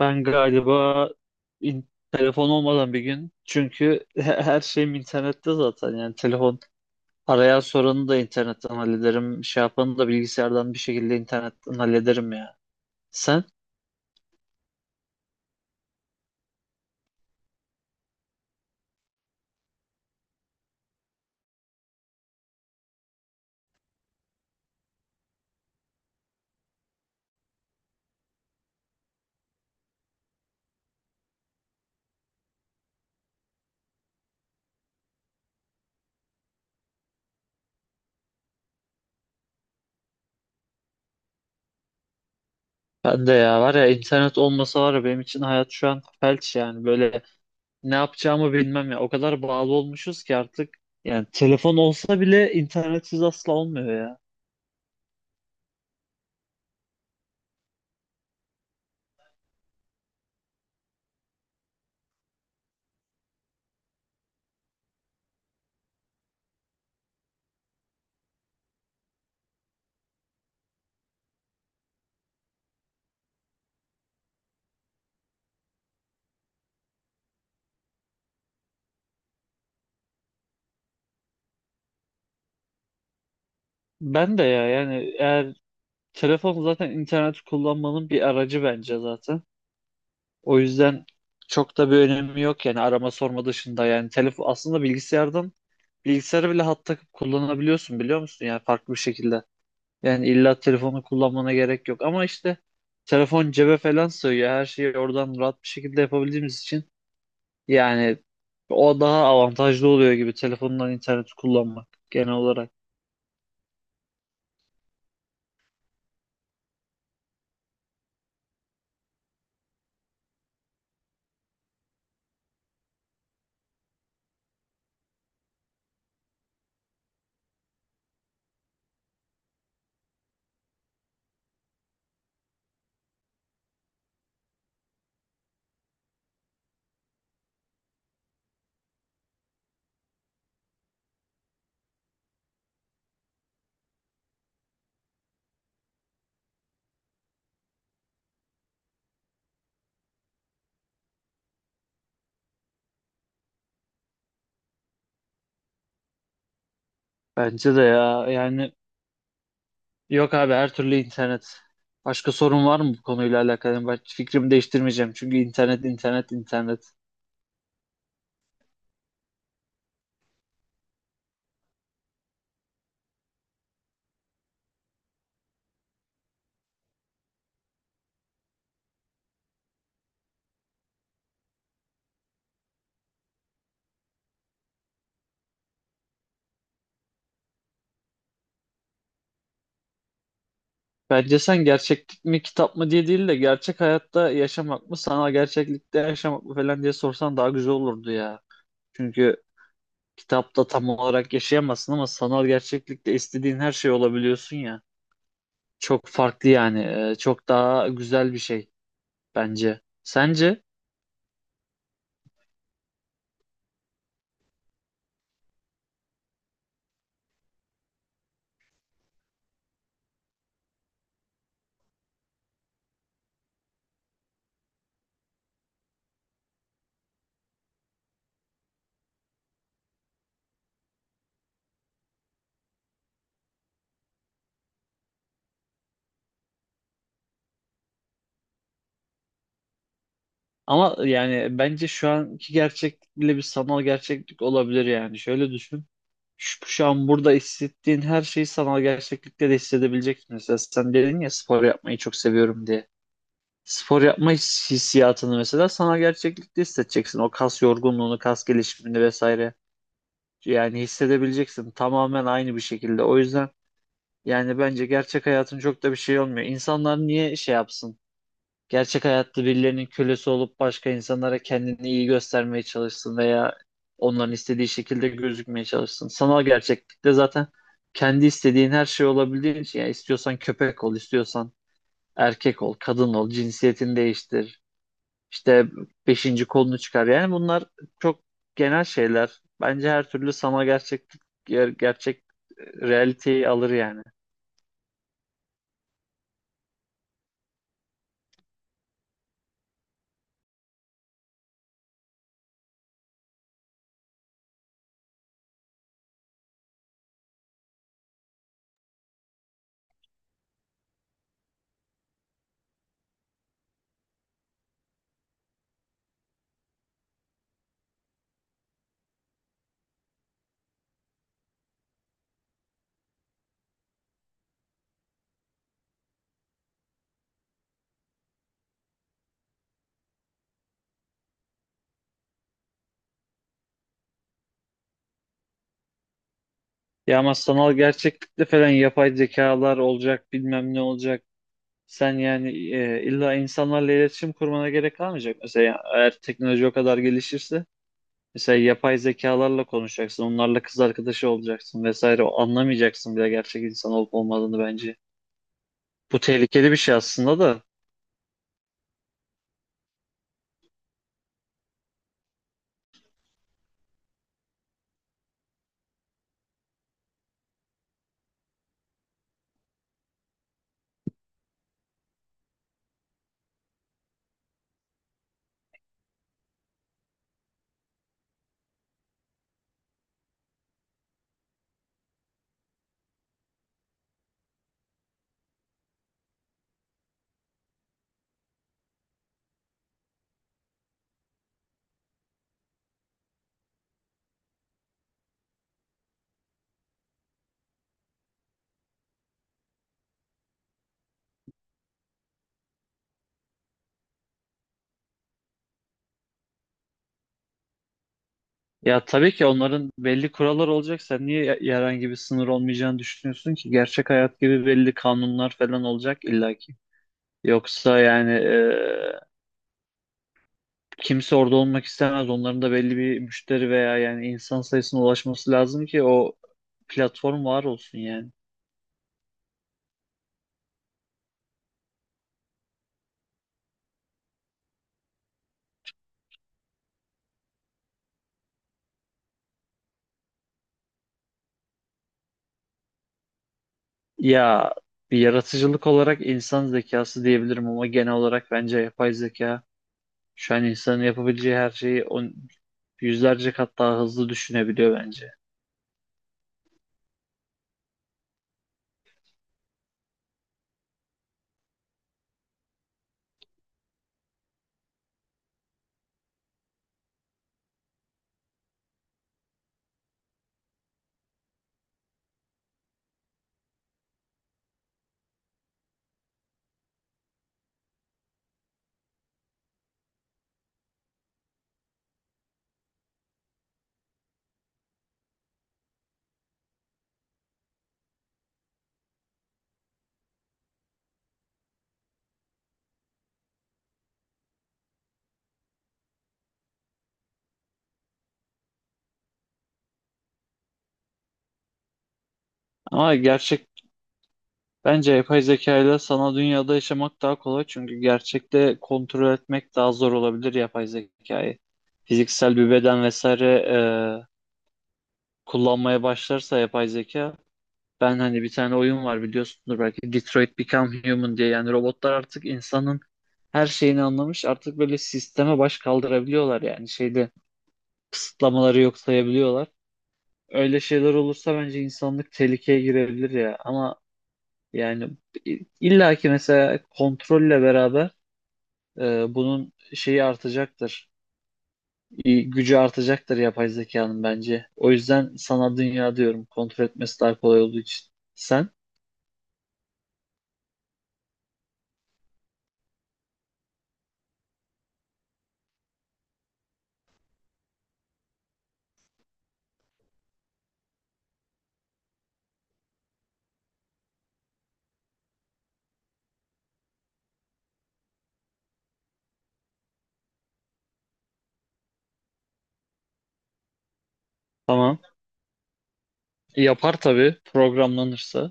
Ben galiba telefon olmadan bir gün çünkü her şeyim internette zaten, yani telefon arayan sorunu da internetten hallederim, şey yapanı da bilgisayardan bir şekilde internetten hallederim ya. Sen? Ben de ya var ya internet olmasa var ya, benim için hayat şu an felç yani, böyle ne yapacağımı bilmem ya, o kadar bağlı olmuşuz ki artık. Yani telefon olsa bile internetsiz asla olmuyor ya. Ben de ya yani, eğer telefon zaten internet kullanmanın bir aracı bence zaten. O yüzden çok da bir önemi yok yani, arama sorma dışında. Yani telefon aslında bilgisayardan bilgisayara bile hat takıp kullanabiliyorsun, biliyor musun? Yani farklı bir şekilde. Yani illa telefonu kullanmana gerek yok ama işte telefon cebe falan sığıyor. Her şeyi oradan rahat bir şekilde yapabildiğimiz için yani o daha avantajlı oluyor gibi, telefondan internet kullanmak genel olarak. Bence de ya yani, yok abi, her türlü internet. Başka sorun var mı bu konuyla alakalı? Ben fikrimi değiştirmeyeceğim çünkü internet internet internet. Bence sen gerçeklik mi kitap mı diye değil de, gerçek hayatta yaşamak mı sana gerçeklikte yaşamak mı falan diye sorsan daha güzel olurdu ya. Çünkü kitapta tam olarak yaşayamazsın ama sanal gerçeklikte istediğin her şey olabiliyorsun ya. Çok farklı yani. Çok daha güzel bir şey bence. Sence? Ama yani bence şu anki gerçeklik bile bir sanal gerçeklik olabilir yani. Şöyle düşün. Şu an burada hissettiğin her şeyi sanal gerçeklikte de hissedebileceksin. Mesela sen dedin ya spor yapmayı çok seviyorum diye. Spor yapma hissiyatını mesela sana gerçeklikte hissedeceksin. O kas yorgunluğunu, kas gelişimini vesaire, yani hissedebileceksin tamamen aynı bir şekilde. O yüzden yani bence gerçek hayatın çok da bir şey olmuyor. İnsanlar niye şey yapsın? Gerçek hayatta birilerinin kölesi olup başka insanlara kendini iyi göstermeye çalışsın veya onların istediği şekilde gözükmeye çalışsın. Sanal gerçeklikte zaten kendi istediğin her şey olabildiğin için yani, istiyorsan köpek ol, istiyorsan erkek ol, kadın ol, cinsiyetini değiştir, işte beşinci kolunu çıkar. Yani bunlar çok genel şeyler. Bence her türlü sanal gerçeklik gerçek realiteyi alır yani. Ya ama sanal gerçeklikte falan yapay zekalar olacak, bilmem ne olacak. Sen yani illa insanlarla iletişim kurmana gerek kalmayacak. Mesela eğer teknoloji o kadar gelişirse, mesela yapay zekalarla konuşacaksın, onlarla kız arkadaşı olacaksın vesaire. O anlamayacaksın bile gerçek insan olup olmadığını bence. Bu tehlikeli bir şey aslında da. Ya tabii ki onların belli kuralları olacak. Sen niye herhangi bir sınır olmayacağını düşünüyorsun ki? Gerçek hayat gibi belli kanunlar falan olacak illaki. Yoksa yani kimse orada olmak istemez. Onların da belli bir müşteri veya yani insan sayısına ulaşması lazım ki o platform var olsun yani. Ya bir yaratıcılık olarak insan zekası diyebilirim ama genel olarak bence yapay zeka şu an insanın yapabileceği her şeyi on, yüzlerce kat daha hızlı düşünebiliyor bence. Ama gerçek, bence yapay zeka ile sanal dünyada yaşamak daha kolay çünkü gerçekte kontrol etmek daha zor olabilir yapay zekayı. Fiziksel bir beden vesaire e, kullanmaya başlarsa yapay zeka, ben hani bir tane oyun var biliyorsundur belki, Detroit Become Human diye, yani robotlar artık insanın her şeyini anlamış, artık böyle sisteme baş kaldırabiliyorlar, yani şeyde kısıtlamaları yok sayabiliyorlar. Öyle şeyler olursa bence insanlık tehlikeye girebilir ya, ama yani illa ki mesela kontrolle beraber bunun şeyi artacaktır. Gücü artacaktır yapay zekanın bence. O yüzden sanal dünya diyorum. Kontrol etmesi daha kolay olduğu için. Sen? Tamam. Yapar tabii programlanırsa.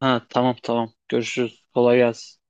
Ha tamam tamam. Görüşürüz. Kolay gelsin.